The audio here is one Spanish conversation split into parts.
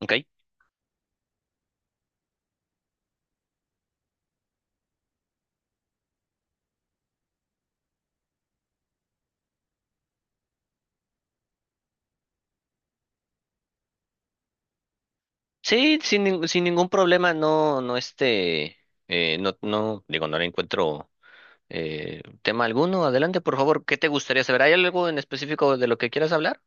Ok. Sí, sin ningún problema, digo, no le encuentro tema alguno. Adelante, por favor, ¿qué te gustaría saber? ¿Hay algo en específico de lo que quieras hablar?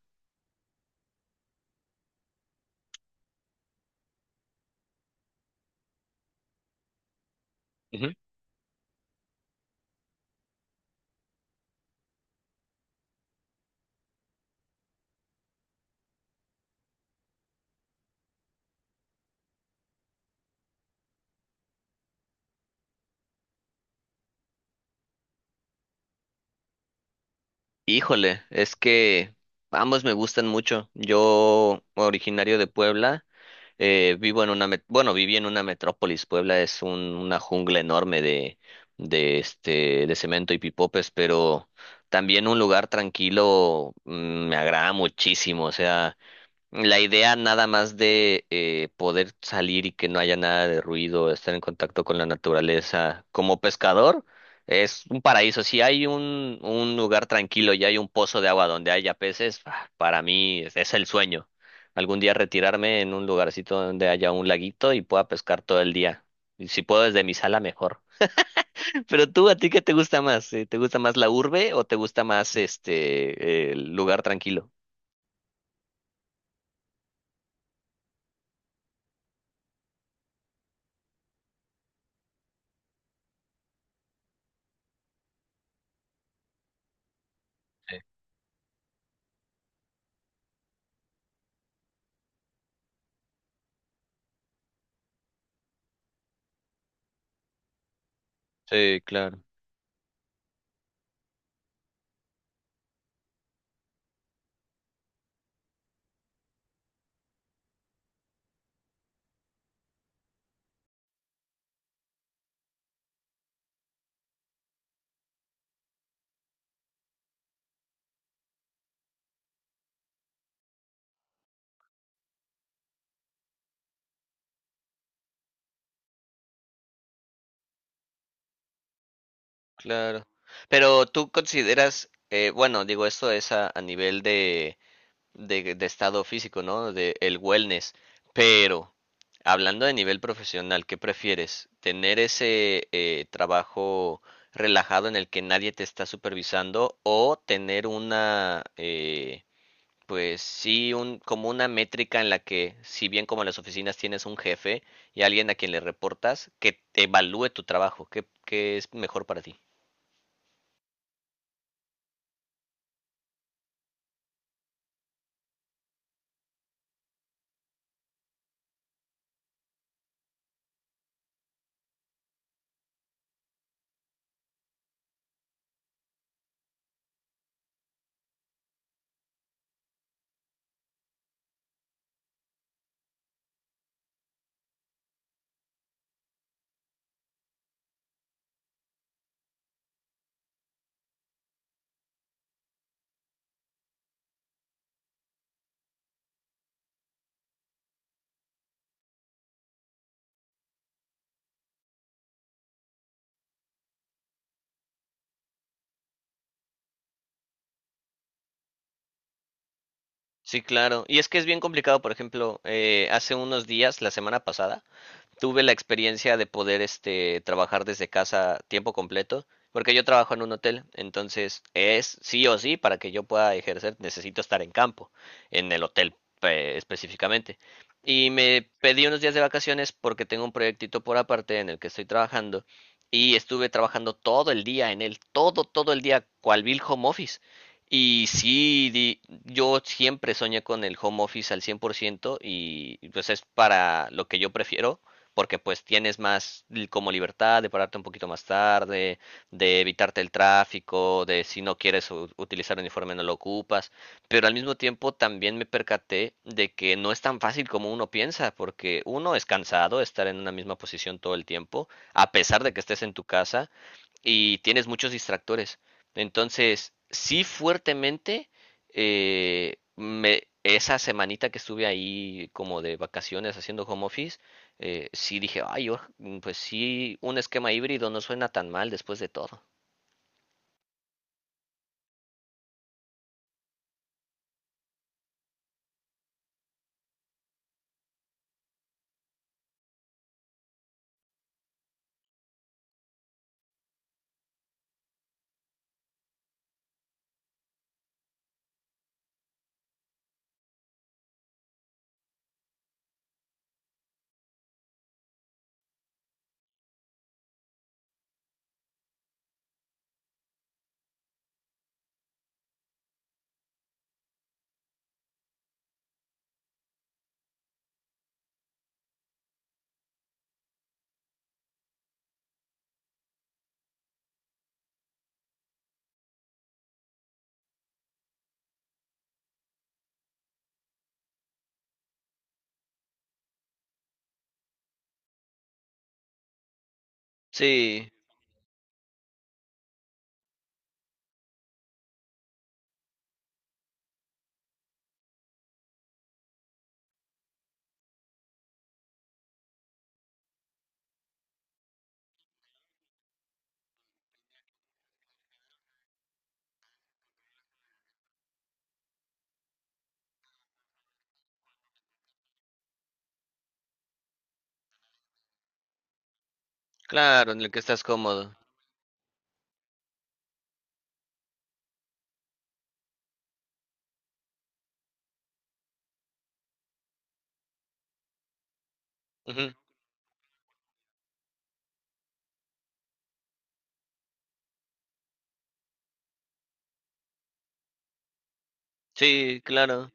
Ujú. Híjole, es que ambos me gustan mucho. Yo, originario de Puebla, vivo en una, viví en una metrópolis. Puebla es una jungla enorme de cemento y pipopes, pero también un lugar tranquilo, me agrada muchísimo. O sea, la idea nada más de poder salir y que no haya nada de ruido, estar en contacto con la naturaleza como pescador es un paraíso. Si hay un lugar tranquilo y hay un pozo de agua donde haya peces, ah, para mí es el sueño. Algún día retirarme en un lugarcito donde haya un laguito y pueda pescar todo el día. Y si puedo desde mi sala, mejor. Pero tú, ¿a ti qué te gusta más? ¿Te gusta más la urbe o te gusta más el lugar tranquilo? Sí, claro. Claro. Pero tú consideras, bueno, digo, esto es a nivel de estado físico, ¿no? De el wellness. Pero, hablando de nivel profesional, ¿qué prefieres? ¿Tener ese trabajo relajado en el que nadie te está supervisando o tener una, pues sí, un, como una métrica en la que, si bien como en las oficinas tienes un jefe y alguien a quien le reportas, que te evalúe tu trabajo? ¿Qué, qué es mejor para ti? Sí, claro. Y es que es bien complicado, por ejemplo, hace unos días, la semana pasada, tuve la experiencia de poder trabajar desde casa tiempo completo, porque yo trabajo en un hotel, entonces es sí o sí, para que yo pueda ejercer necesito estar en campo, en el hotel específicamente. Y me pedí unos días de vacaciones porque tengo un proyectito por aparte en el que estoy trabajando y estuve trabajando todo el día en él, todo el día cual vil home office. Y sí, yo siempre soñé con el home office al 100% y pues es para lo que yo prefiero, porque pues tienes más como libertad de pararte un poquito más tarde, de evitarte el tráfico, de si no quieres utilizar uniforme no lo ocupas, pero al mismo tiempo también me percaté de que no es tan fácil como uno piensa, porque uno es cansado de estar en una misma posición todo el tiempo, a pesar de que estés en tu casa, y tienes muchos distractores. Entonces, sí fuertemente, esa semanita que estuve ahí como de vacaciones haciendo home office, sí dije, ay, yo pues sí, un esquema híbrido no suena tan mal después de todo. Sí, claro, en el que estás cómodo. Ujú. Sí, claro.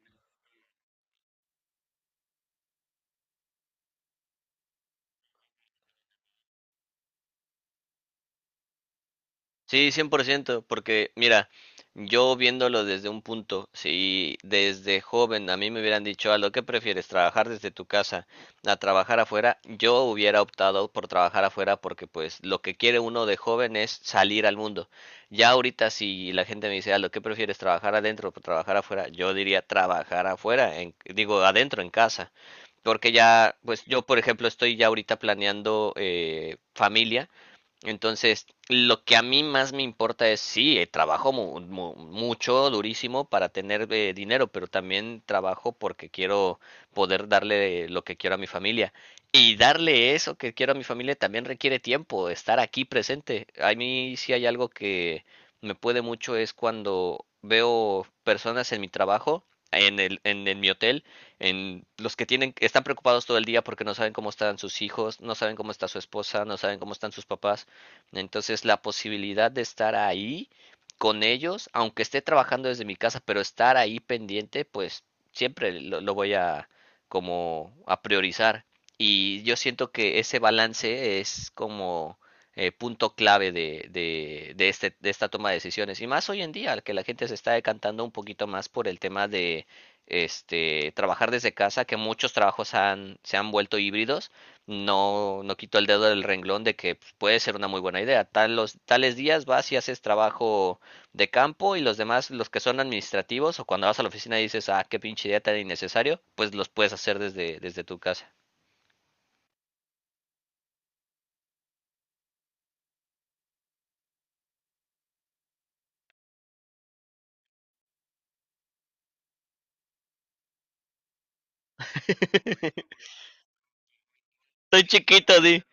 Sí, 100%, porque mira, yo viéndolo desde un punto, si desde joven a mí me hubieran dicho, a lo que prefieres, trabajar desde tu casa a trabajar afuera, yo hubiera optado por trabajar afuera porque pues lo que quiere uno de joven es salir al mundo. Ya ahorita si la gente me dice, a lo que prefieres, trabajar adentro o trabajar afuera, yo diría trabajar afuera, digo adentro en casa, porque ya, pues yo por ejemplo estoy ya ahorita planeando familia. Entonces, lo que a mí más me importa es, sí, trabajo mucho, durísimo para tener dinero, pero también trabajo porque quiero poder darle lo que quiero a mi familia. Y darle eso que quiero a mi familia también requiere tiempo, estar aquí presente. A mí sí hay algo que me puede mucho es cuando veo personas en mi trabajo, en mi hotel, en los que tienen, están preocupados todo el día porque no saben cómo están sus hijos, no saben cómo está su esposa, no saben cómo están sus papás. Entonces, la posibilidad de estar ahí con ellos, aunque esté trabajando desde mi casa, pero estar ahí pendiente, pues siempre lo voy a como a priorizar. Y yo siento que ese balance es como punto clave de esta toma de decisiones. Y más hoy en día, que la gente se está decantando un poquito más por el tema de trabajar desde casa, que muchos trabajos se han vuelto híbridos, no, no quito el dedo del renglón de que pues, puede ser una muy buena idea. Tales días vas y haces trabajo de campo y los demás, los que son administrativos o cuando vas a la oficina y dices, ah, qué pinche idea tan innecesario, pues los puedes hacer desde tu casa. Estoy chiquito, di.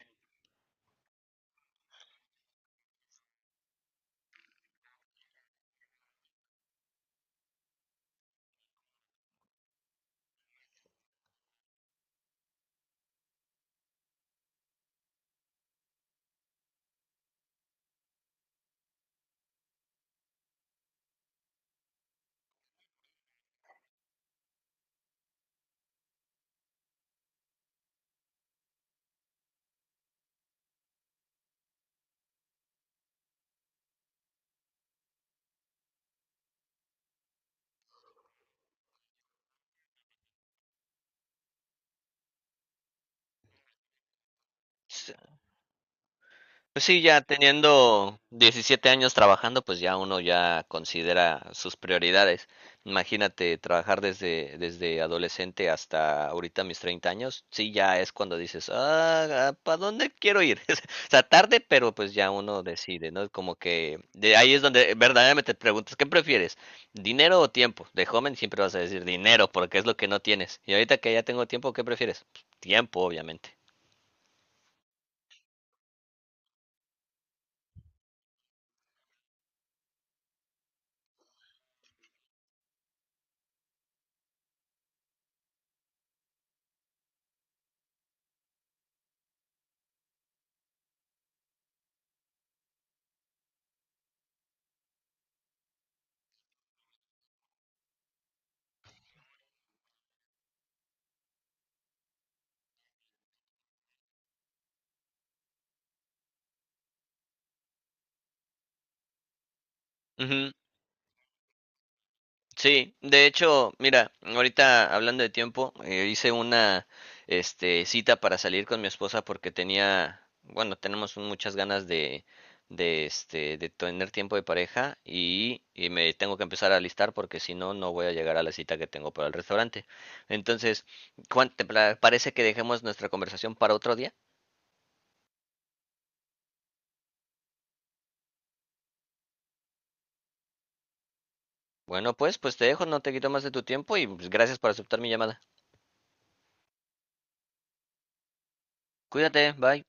Pues sí, ya teniendo 17 años trabajando, pues ya uno ya considera sus prioridades. Imagínate trabajar desde adolescente hasta ahorita mis 30 años, sí, ya es cuando dices, ah, ¿para dónde quiero ir? O sea, tarde, pero pues ya uno decide, ¿no? Como que de ahí es donde verdaderamente te preguntas, ¿qué prefieres? ¿Dinero o tiempo? De joven siempre vas a decir dinero, porque es lo que no tienes. Y ahorita que ya tengo tiempo, ¿qué prefieres? Pues, tiempo, obviamente. Sí, de hecho, mira, ahorita hablando de tiempo, hice una cita para salir con mi esposa porque tenía, bueno, tenemos muchas ganas de, de tener tiempo de pareja y me tengo que empezar a alistar porque si no, no voy a llegar a la cita que tengo para el restaurante. Entonces, Juan, ¿te parece que dejemos nuestra conversación para otro día? Bueno, pues te dejo, no te quito más de tu tiempo y pues, gracias por aceptar mi llamada. Cuídate, bye.